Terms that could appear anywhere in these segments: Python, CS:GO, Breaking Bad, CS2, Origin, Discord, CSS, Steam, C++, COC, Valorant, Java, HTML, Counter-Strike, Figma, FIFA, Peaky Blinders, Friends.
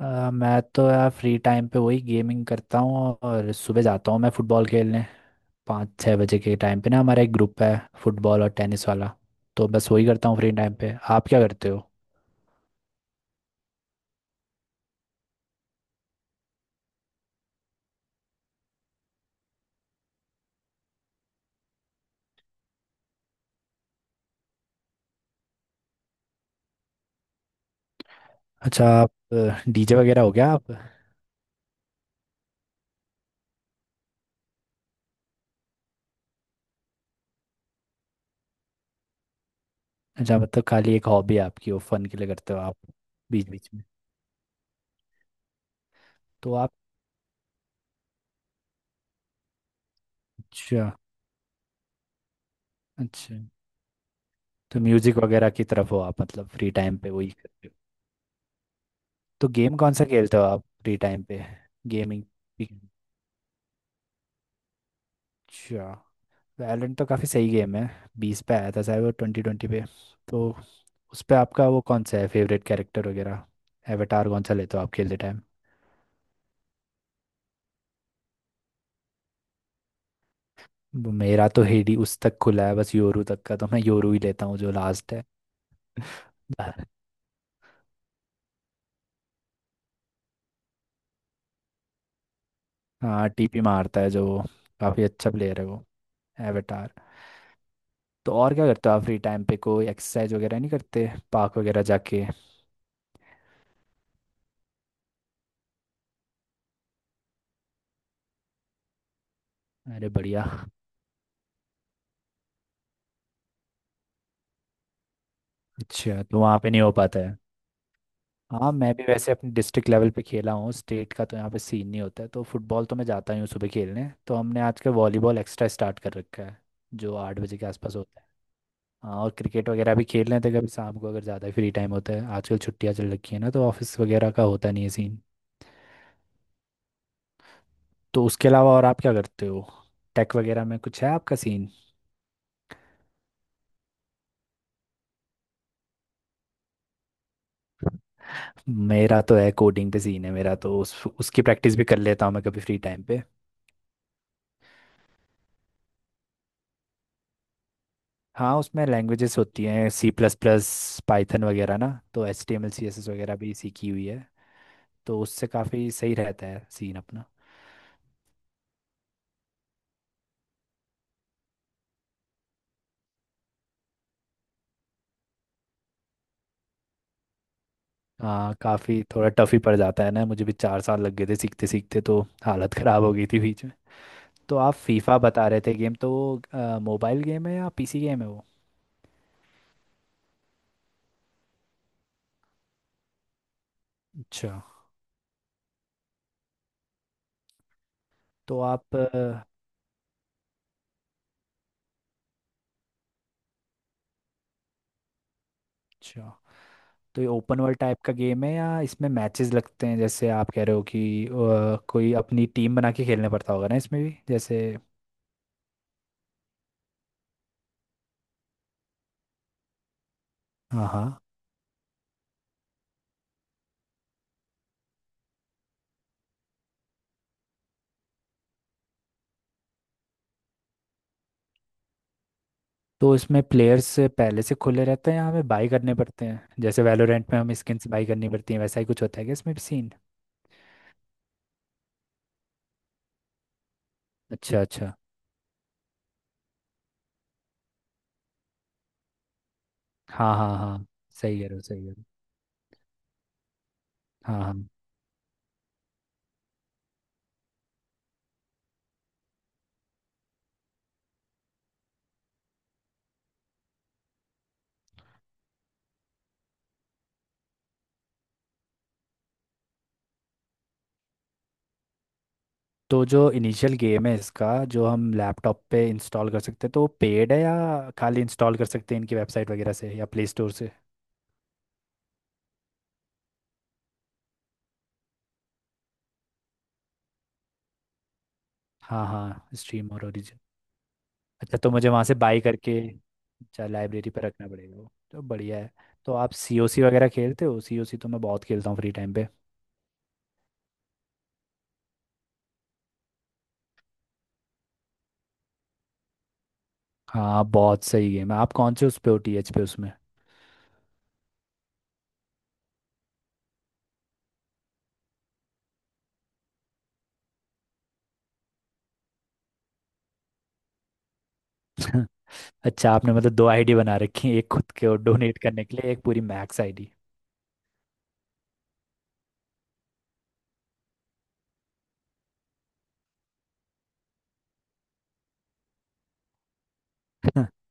मैं तो यार फ्री टाइम पे वही गेमिंग करता हूँ। और सुबह जाता हूँ मैं फुटबॉल खेलने। 5-6 बजे के टाइम पे ना, हमारा एक ग्रुप है फुटबॉल और टेनिस वाला। तो बस वही करता हूँ फ्री टाइम पे। आप क्या करते हो? अच्छा, आप डीजे वगैरह हो गया आप? अच्छा, मतलब खाली एक हॉबी है आपकी, वो फन के लिए करते हो आप? बीच बीच में। तो आप? अच्छा अच्छा। तो म्यूजिक वगैरह की तरफ हो आप? मतलब फ्री टाइम पे वही करते हो? तो गेम कौन सा खेलते हो आप फ्री टाइम पे? गेमिंग। अच्छा। वैलेंट तो काफ़ी सही गेम है। बीस पे आया था शायद वो, 2020 पे। तो उस पे आपका वो कौन सा है फेवरेट कैरेक्टर वगैरह? एवेटार कौन सा लेते हो आप खेलते टाइम? वो, मेरा तो हेडी उस तक खुला है, बस योरू तक का, तो मैं योरू ही लेता हूँ जो लास्ट है। हाँ, टीपी मारता है जो वो, काफ़ी अच्छा प्लेयर है वो। एवेटार। तो और क्या करते हो आप फ्री टाइम पे? कोई एक्सरसाइज वगैरह नहीं करते, पार्क वगैरह जाके? अरे बढ़िया। अच्छा, तो वहाँ पे नहीं हो पाता है? हाँ, मैं भी वैसे अपने डिस्ट्रिक्ट लेवल पे खेला हूँ, स्टेट का तो यहाँ पे सीन नहीं होता है। तो फुटबॉल तो मैं जाता ही हूँ सुबह खेलने, तो हमने आजकल वॉलीबॉल एक्स्ट्रा स्टार्ट कर रखा है जो 8 बजे के आसपास होता है। हाँ, और क्रिकेट वगैरह भी खेल लेते हैं कभी शाम को, अगर ज़्यादा फ्री टाइम होता है। आजकल छुट्टियाँ चल रखी है ना, तो ऑफिस वगैरह का होता नहीं है सीन। तो उसके अलावा और आप क्या करते हो? टेक वगैरह में कुछ है आपका सीन? मेरा तो है, कोडिंग पे सीन है मेरा तो, उस उसकी प्रैक्टिस भी कर लेता हूँ मैं कभी फ्री टाइम पे। हाँ, उसमें लैंग्वेजेस होती हैं सी प्लस प्लस, पाइथन वगैरह ना। तो H T M L C S S वगैरह भी सीखी हुई है। तो उससे काफ़ी सही रहता है सीन अपना। हाँ, काफ़ी थोड़ा टफ ही पड़ जाता है ना, मुझे भी 4 साल लग गए थे सीखते सीखते। तो हालत ख़राब हो गई थी बीच में। तो आप फीफा बता रहे थे गेम, तो मोबाइल गेम है या पीसी गेम है वो? अच्छा। तो आप अच्छा, तो ये ओपन वर्ल्ड टाइप का गेम है या इसमें मैचेस लगते हैं, जैसे आप कह रहे हो कि कोई अपनी टीम बना के खेलना पड़ता होगा ना इसमें भी जैसे? हाँ हाँ। तो इसमें प्लेयर्स पहले से खुले रहते हैं या हमें बाई करने पड़ते हैं, जैसे वैलोरेंट में हमें स्किन्स बाई करनी पड़ती हैं, वैसा ही कुछ होता है क्या इसमें भी सीन? अच्छा अच्छा। हाँ हाँ हाँ, सही कह रहे हो, सही कह रहे हो। हाँ हाँ। तो जो इनिशियल गेम है इसका, जो हम लैपटॉप पे इंस्टॉल कर सकते हैं, तो वो पेड है या खाली इंस्टॉल कर सकते हैं इनकी वेबसाइट वगैरह से या प्ले स्टोर से? हाँ हाँ, स्ट्रीम और ओरिजिन। अच्छा, तो मुझे वहाँ से बाई करके। अच्छा, लाइब्रेरी पे रखना पड़ेगा वो, तो बढ़िया है। तो आप सी ओ सी वगैरह खेलते हो? सी ओ सी तो मैं बहुत खेलता हूँ फ्री टाइम पे। हाँ, बहुत सही गेम है। आप कौन से उस पे हो, टीएच पे उसमें? अच्छा, आपने मतलब दो आईडी बना रखी है, एक खुद के और डोनेट करने के लिए एक पूरी मैक्स आईडी?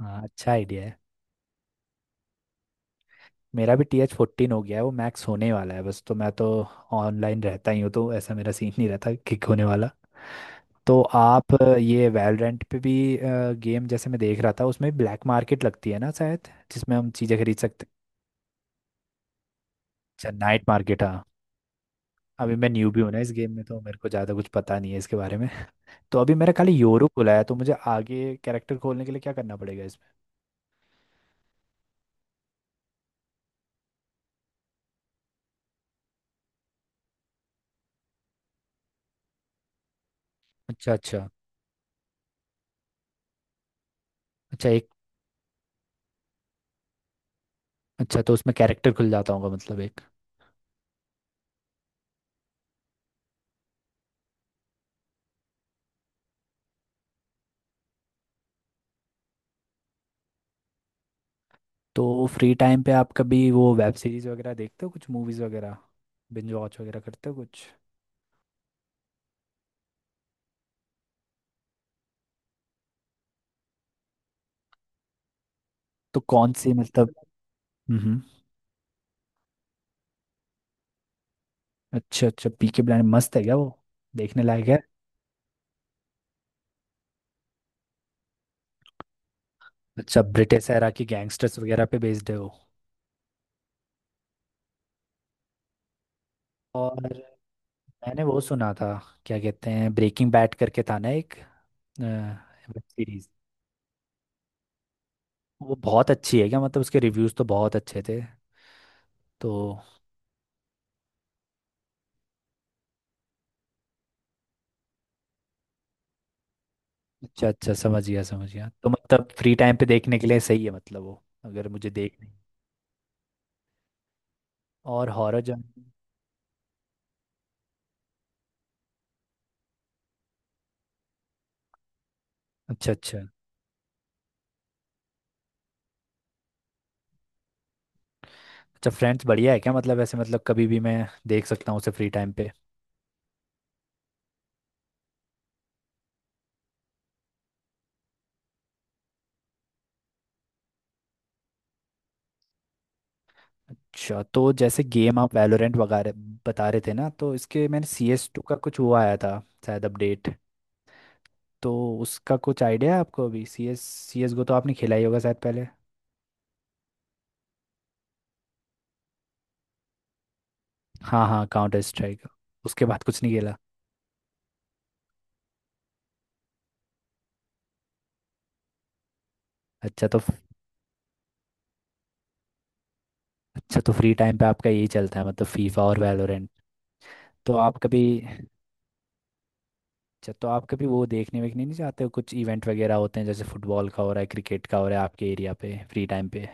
हाँ, अच्छा आइडिया है। मेरा भी टी एच 14 हो गया है, वो मैक्स होने वाला है बस। तो मैं तो ऑनलाइन रहता ही हूँ, तो ऐसा मेरा सीन नहीं रहता किक होने वाला। तो आप ये वैलोरेंट पे भी गेम, जैसे मैं देख रहा था, उसमें ब्लैक मार्केट लगती है ना शायद, जिसमें हम चीज़ें खरीद सकते हैं। अच्छा, नाइट मार्केट, हाँ। अभी मैं न्यू भी हूँ ना इस गेम में, तो मेरे को ज़्यादा कुछ पता नहीं है इसके बारे में। तो अभी मेरा खाली यूरो खुला है, तो मुझे आगे कैरेक्टर खोलने के लिए क्या करना पड़ेगा इसमें? अच्छा अच्छा। अच्छा एक। अच्छा, तो उसमें कैरेक्टर खुल जाता होगा मतलब एक। तो फ्री टाइम पे आप कभी वो वेब सीरीज वगैरह देखते हो? कुछ मूवीज वगैरह बिंज वॉच वगैरह करते हो कुछ? तो कौन सी, मतलब? हम्म हम्म। अच्छा अच्छा, पीके ब्लाइंडर मस्त है क्या वो? देखने लायक है? अच्छा, ब्रिटिश एरा की गैंगस्टर्स वगैरह पे बेस्ड है वो? और मैंने वो सुना था, क्या कहते हैं, ब्रेकिंग बैड करके था ना एक वेब सीरीज। वो बहुत अच्छी है क्या? मतलब उसके रिव्यूज तो बहुत अच्छे थे। तो अच्छा अच्छा, समझ गया, समझ गया। तो मतलब फ्री टाइम पे देखने के लिए सही है मतलब वो, अगर मुझे देखनी। और हॉरर जॉनर? अच्छा अच्छा। अच्छा, फ्रेंड्स बढ़िया है क्या? मतलब ऐसे मतलब कभी भी मैं देख सकता हूँ उसे फ्री टाइम पे? अच्छा, तो जैसे गेम आप वैलोरेंट वगैरह बता रहे थे ना, तो इसके मैंने सी एस 2 का कुछ वो आया था शायद अपडेट। तो उसका कुछ आइडिया है आपको? अभी C S, C S go तो आपने खेला ही होगा शायद पहले। हाँ हाँ, काउंटर स्ट्राइक। उसके बाद कुछ नहीं खेला? अच्छा, तो। अच्छा, तो फ्री टाइम पे आपका यही चलता है मतलब फीफा और वैलोरेंट? तो आप कभी। अच्छा, तो आप कभी वो देखने वेखने नहीं जाते हो? कुछ इवेंट वगैरह होते हैं जैसे फुटबॉल का हो रहा है, क्रिकेट का हो रहा है आपके एरिया पे फ्री टाइम पे?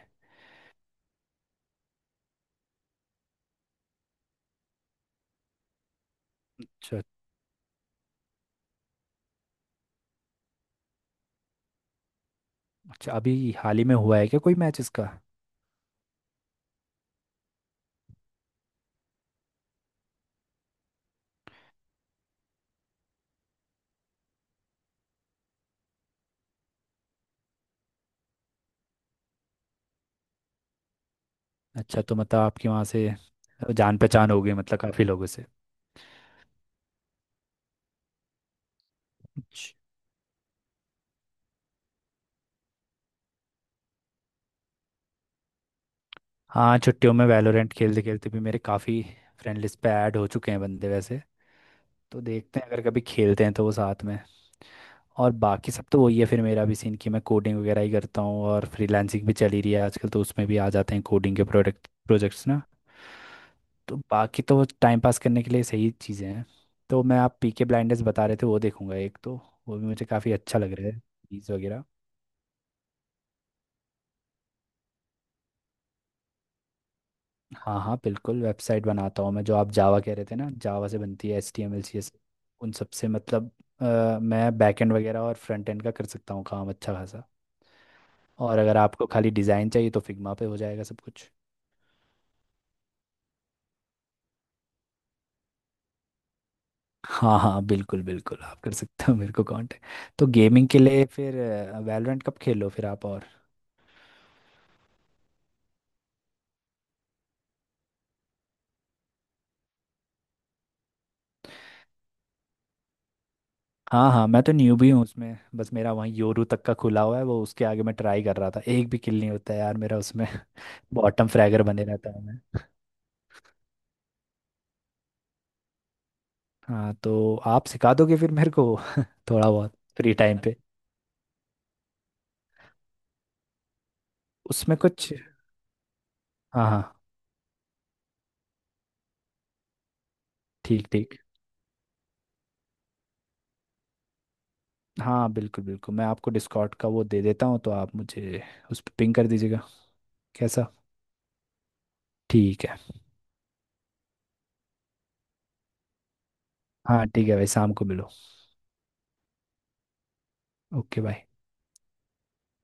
अच्छा। अच्छा, अभी हाल ही में हुआ है क्या कोई मैच इसका? अच्छा, तो मतलब आपके वहाँ से जान पहचान हो गई मतलब काफ़ी लोगों से? अच्छा। हाँ, छुट्टियों में वैलोरेंट खेलते खेलते भी मेरे काफ़ी फ्रेंड लिस्ट पे ऐड हो चुके हैं बंदे वैसे। तो देखते हैं अगर कभी खेलते हैं तो वो साथ में। और बाकी सब तो वही है फिर, मेरा भी सीन कि मैं कोडिंग वगैरह ही करता हूँ, और फ्रीलांसिंग भी चली रही है आजकल, तो उसमें भी आ जाते हैं कोडिंग के प्रोडक्ट प्रोजेक्ट्स ना। तो बाकी तो टाइम पास करने के लिए सही चीज़ें हैं। तो मैं, आप पीके ब्लाइंडर्स बता रहे थे वो देखूंगा एक तो। वो भी मुझे काफ़ी अच्छा लग रहा है, चीज़ वगैरह। हाँ हाँ, बिल्कुल, वेबसाइट बनाता हूँ मैं, जो आप जावा कह रहे थे ना, जावा से बनती है H T M L C S, S सब से मतलब। मैं बैकएंड वगैरह और फ्रंट एंड का कर सकता हूँ काम अच्छा खासा। और अगर आपको खाली डिज़ाइन चाहिए तो फिग्मा पे हो जाएगा सब कुछ। हाँ हाँ, बिल्कुल बिल्कुल, आप कर सकते हो मेरे को कांटेक्ट। तो गेमिंग के लिए फिर वैलोरेंट कब खेलो फिर आप? और हाँ हाँ, मैं तो न्यूबी हूँ उसमें, बस मेरा वहीं योरू तक का खुला हुआ है वो, उसके आगे मैं ट्राई कर रहा था, एक भी किल नहीं होता है यार मेरा उसमें। बॉटम फ्रैगर बने रहता है मैं। हाँ, तो आप सिखा दोगे फिर मेरे को? थोड़ा बहुत फ्री टाइम पे। उसमें कुछ। हाँ हाँ, ठीक ठीक। हाँ बिल्कुल बिल्कुल, मैं आपको डिस्कॉर्ड का वो दे देता हूँ, तो आप मुझे उस पर पिंग कर दीजिएगा। कैसा? ठीक है। हाँ ठीक है भाई, शाम को मिलो। Okay bye.